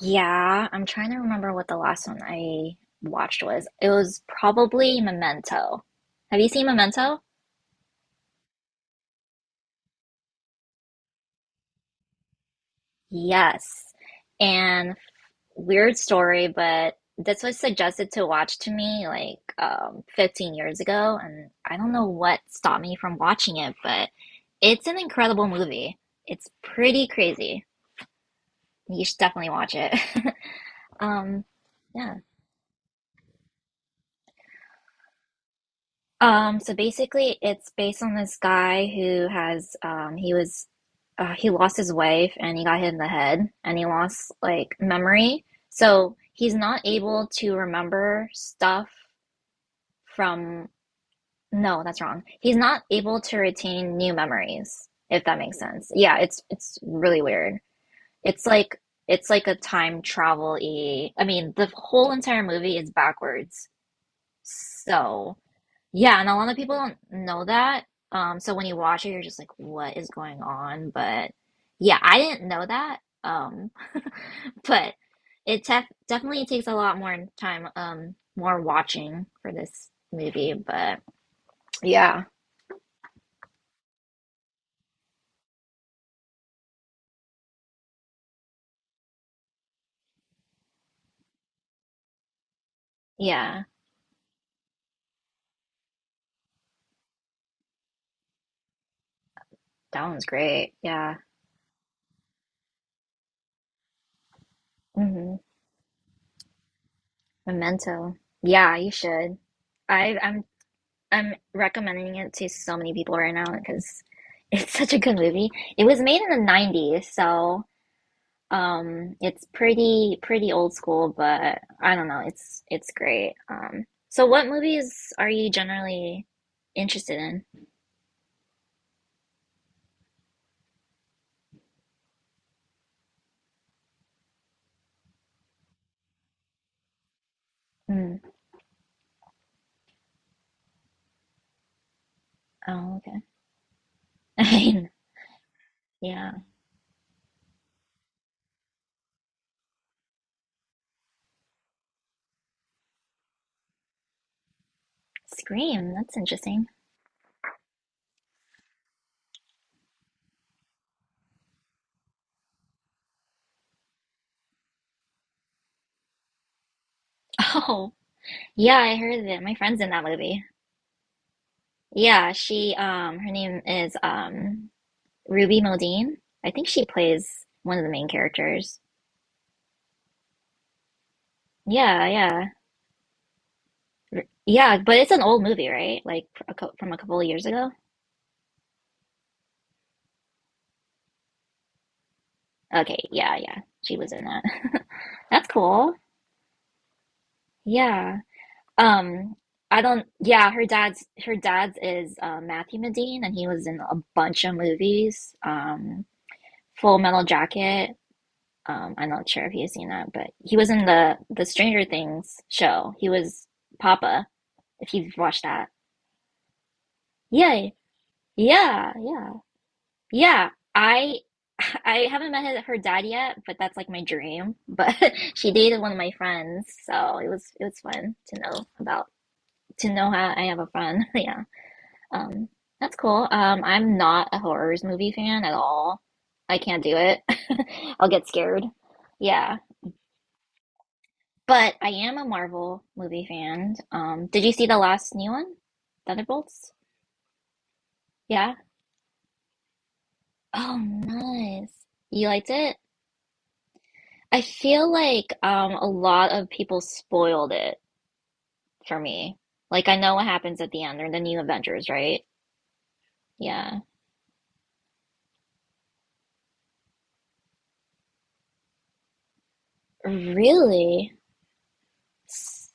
Yeah, I'm trying to remember what the last one I watched was. It was probably Memento. Have you seen Memento? Yes. And weird story, but this was suggested to watch to me like 15 years ago, and I don't know what stopped me from watching it, but it's an incredible movie. It's pretty crazy. You should definitely watch it. Um, yeah. So basically, it's based on this guy who has, he lost his wife and he got hit in the head and he lost like memory. So he's not able to remember stuff from. No, that's wrong. He's not able to retain new memories, if that makes sense. Yeah, it's really weird. It's like it's like a time travel-y. I mean, the whole entire movie is backwards. So. Yeah, and a lot of people don't know that. So when you watch it, you're just like, what is going on? But yeah, I didn't know that. Um, but it tef definitely takes a lot more time, more watching for this movie. But yeah, yeah, that one's great. Yeah. hmm Memento. Yeah, you should. I'm I'm recommending it to so many people right now because it's such a good movie. It was made in the 90s, so it's pretty old school, but I don't know, it's great. So what movies are you generally interested in? Mm. Oh, okay. I mean, yeah. Scream, that's interesting. Oh, yeah, I heard that my friend's in that movie. Yeah, she her name is Ruby Modine. I think she plays one of the main characters. Yeah, yeah. Yeah, but it's an old movie, right? Like from a couple of years ago. Okay, yeah, yeah. She was in that. That's cool. Yeah. Um, I don't yeah, her dad's is Matthew Modine and he was in a bunch of movies. Full Metal Jacket. I'm not sure if you've seen that, but he was in the Stranger Things show. He was Papa, if you've watched that. Yay. Yeah, yeah. Yeah, I I haven't met her dad yet, but that's like my dream. But she dated one of my friends, so it was fun to know about to know how I have a friend. Yeah. Um, that's cool. I'm not a horrors movie fan at all. I can't do it. I'll get scared. Yeah. But I am a Marvel movie fan. Did you see the last new one? Thunderbolts? Yeah. Oh, nice. You liked it? I feel like a lot of people spoiled it for me. Like I know what happens at the end. They're the new Avengers, right? Yeah. Really? S-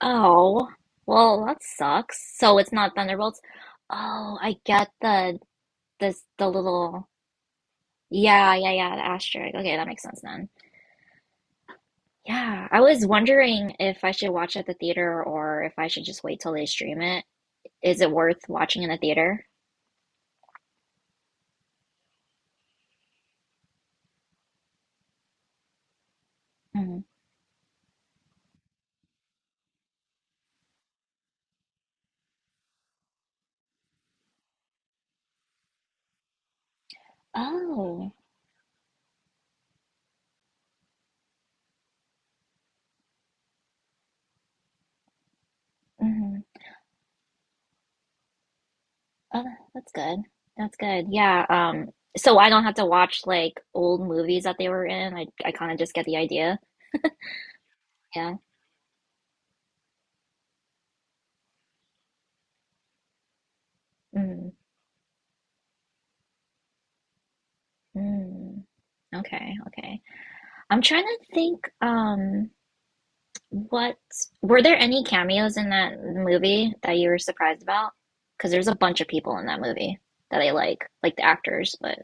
Oh, well, that sucks. So it's not Thunderbolts. Oh, I get the little yeah, yeah, yeah, the asterisk. Okay, that makes sense then. Yeah, I was wondering if I should watch at the theater or if I should just wait till they stream it. Is it worth watching in the theater? Mhm. Oh. Mm-hmm. Oh, that's good. That's good. Yeah. So I don't have to watch like old movies that they were in. I kind of just get the idea. Yeah. Mm, mm. Okay, okay. I'm trying to think, what were there any cameos in that movie that you were surprised about? Because there's a bunch of people in that movie that I like the actors, but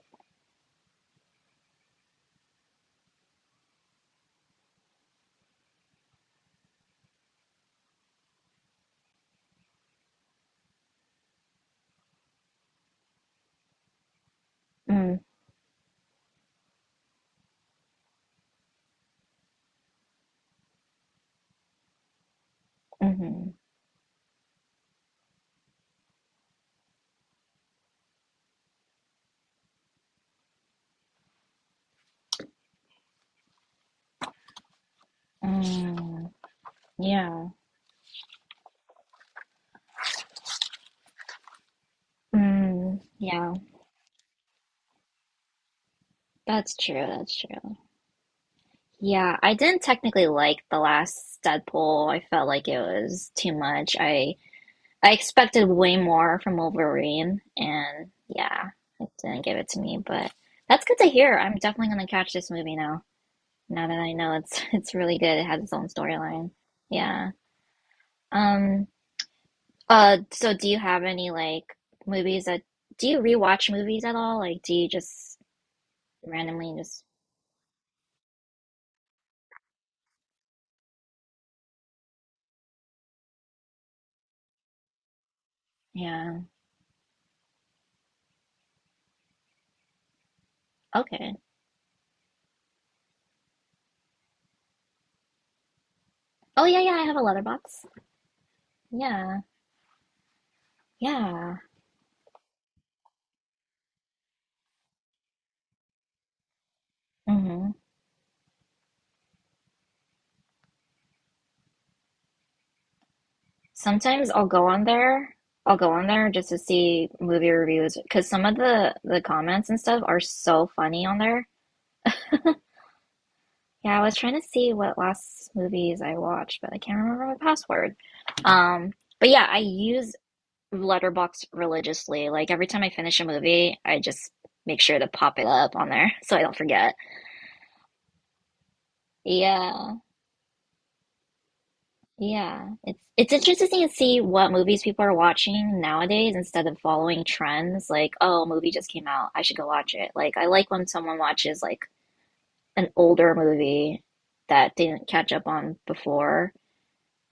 mm, hmm mm, yeah. Mm, yeah, that's true, that's true. Yeah, I didn't technically like the last Deadpool. I felt like it was too much. I expected way more from Wolverine, and yeah, it didn't give it to me. But that's good to hear. I'm definitely gonna catch this movie now. Now that I know it's it's really good. It has its own storyline. Yeah. Um. So, do you have any like movies that do you rewatch movies at all? Like, do you just randomly just yeah? Okay. Oh yeah, yeah. I have a letterbox. Yeah. Yeah. hmm Sometimes I'll go on there. I'll go on there just to see movie reviews because some of the comments and stuff are so funny on there. Yeah, I was trying to see what last movies I watched, but I can't remember my password. Um, but yeah, I use Letterboxd religiously. Like every time I finish a movie, I just make sure to pop it up on there so I don't forget. Yeah. Yeah, it's interesting to see what movies people are watching nowadays instead of following trends. Like, oh, a movie just came out, I should go watch it. Like, I like when someone watches like an older movie that didn't catch up on before.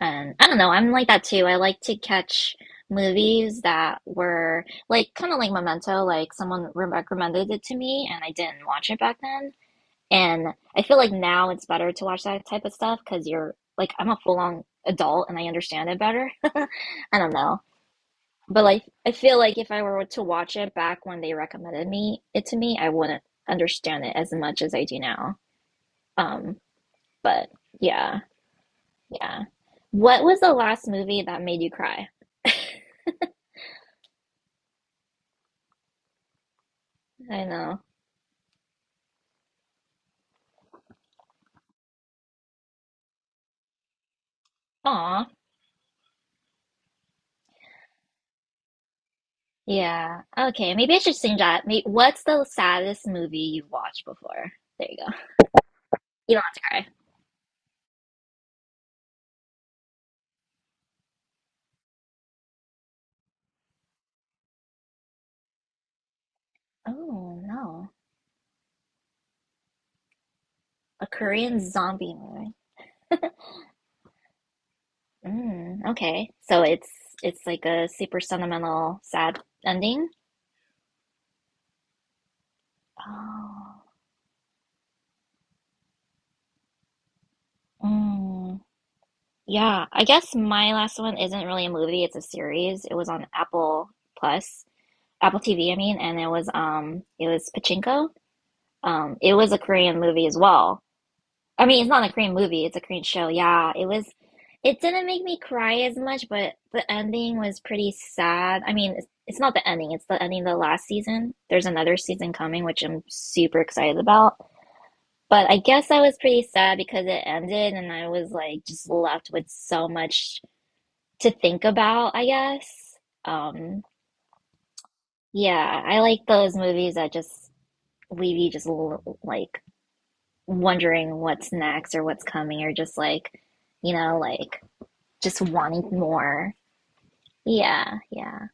And I don't know, I'm like that too. I like to catch movies that were like kind of like Memento, like someone recommended it to me and I didn't watch it back then. And I feel like now it's better to watch that type of stuff because you're like, I'm a full on adult and I understand it better. I don't know. But like, I feel like if I were to watch it back when they recommended me it to me, I wouldn't understand it as much as I do now. Um, but yeah, yeah. What was the last movie that made you cry? I know. Aw. Yeah. Okay. Maybe I should sing that. May What's the saddest movie you've watched before? There you go. You don't have to cry. Oh, no. A Korean zombie movie. Mm, okay. So it's like a super sentimental, sad ending. Oh. Mm, yeah, I guess my last one isn't really a movie, it's a series. It was on Apple Plus, Apple TV, I mean, and it was Pachinko. It was a Korean movie as well. I mean, it's not a Korean movie, it's a Korean show. Yeah, it was it didn't make me cry as much, but the ending was pretty sad. I mean, it's not the ending, it's the ending of the last season. There's another season coming, which I'm super excited about. But I guess I was pretty sad because it ended and I was like just left with so much to think about, I guess. Um, yeah, I like those movies that just leave you just like wondering what's next or what's coming or just like, you know, like just wanting more. Yeah, yeah.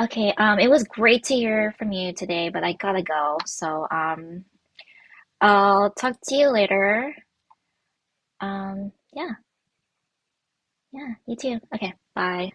Okay, it was great to hear from you today, but I gotta go. So, I'll talk to you later. Yeah, yeah, you too. Okay, bye.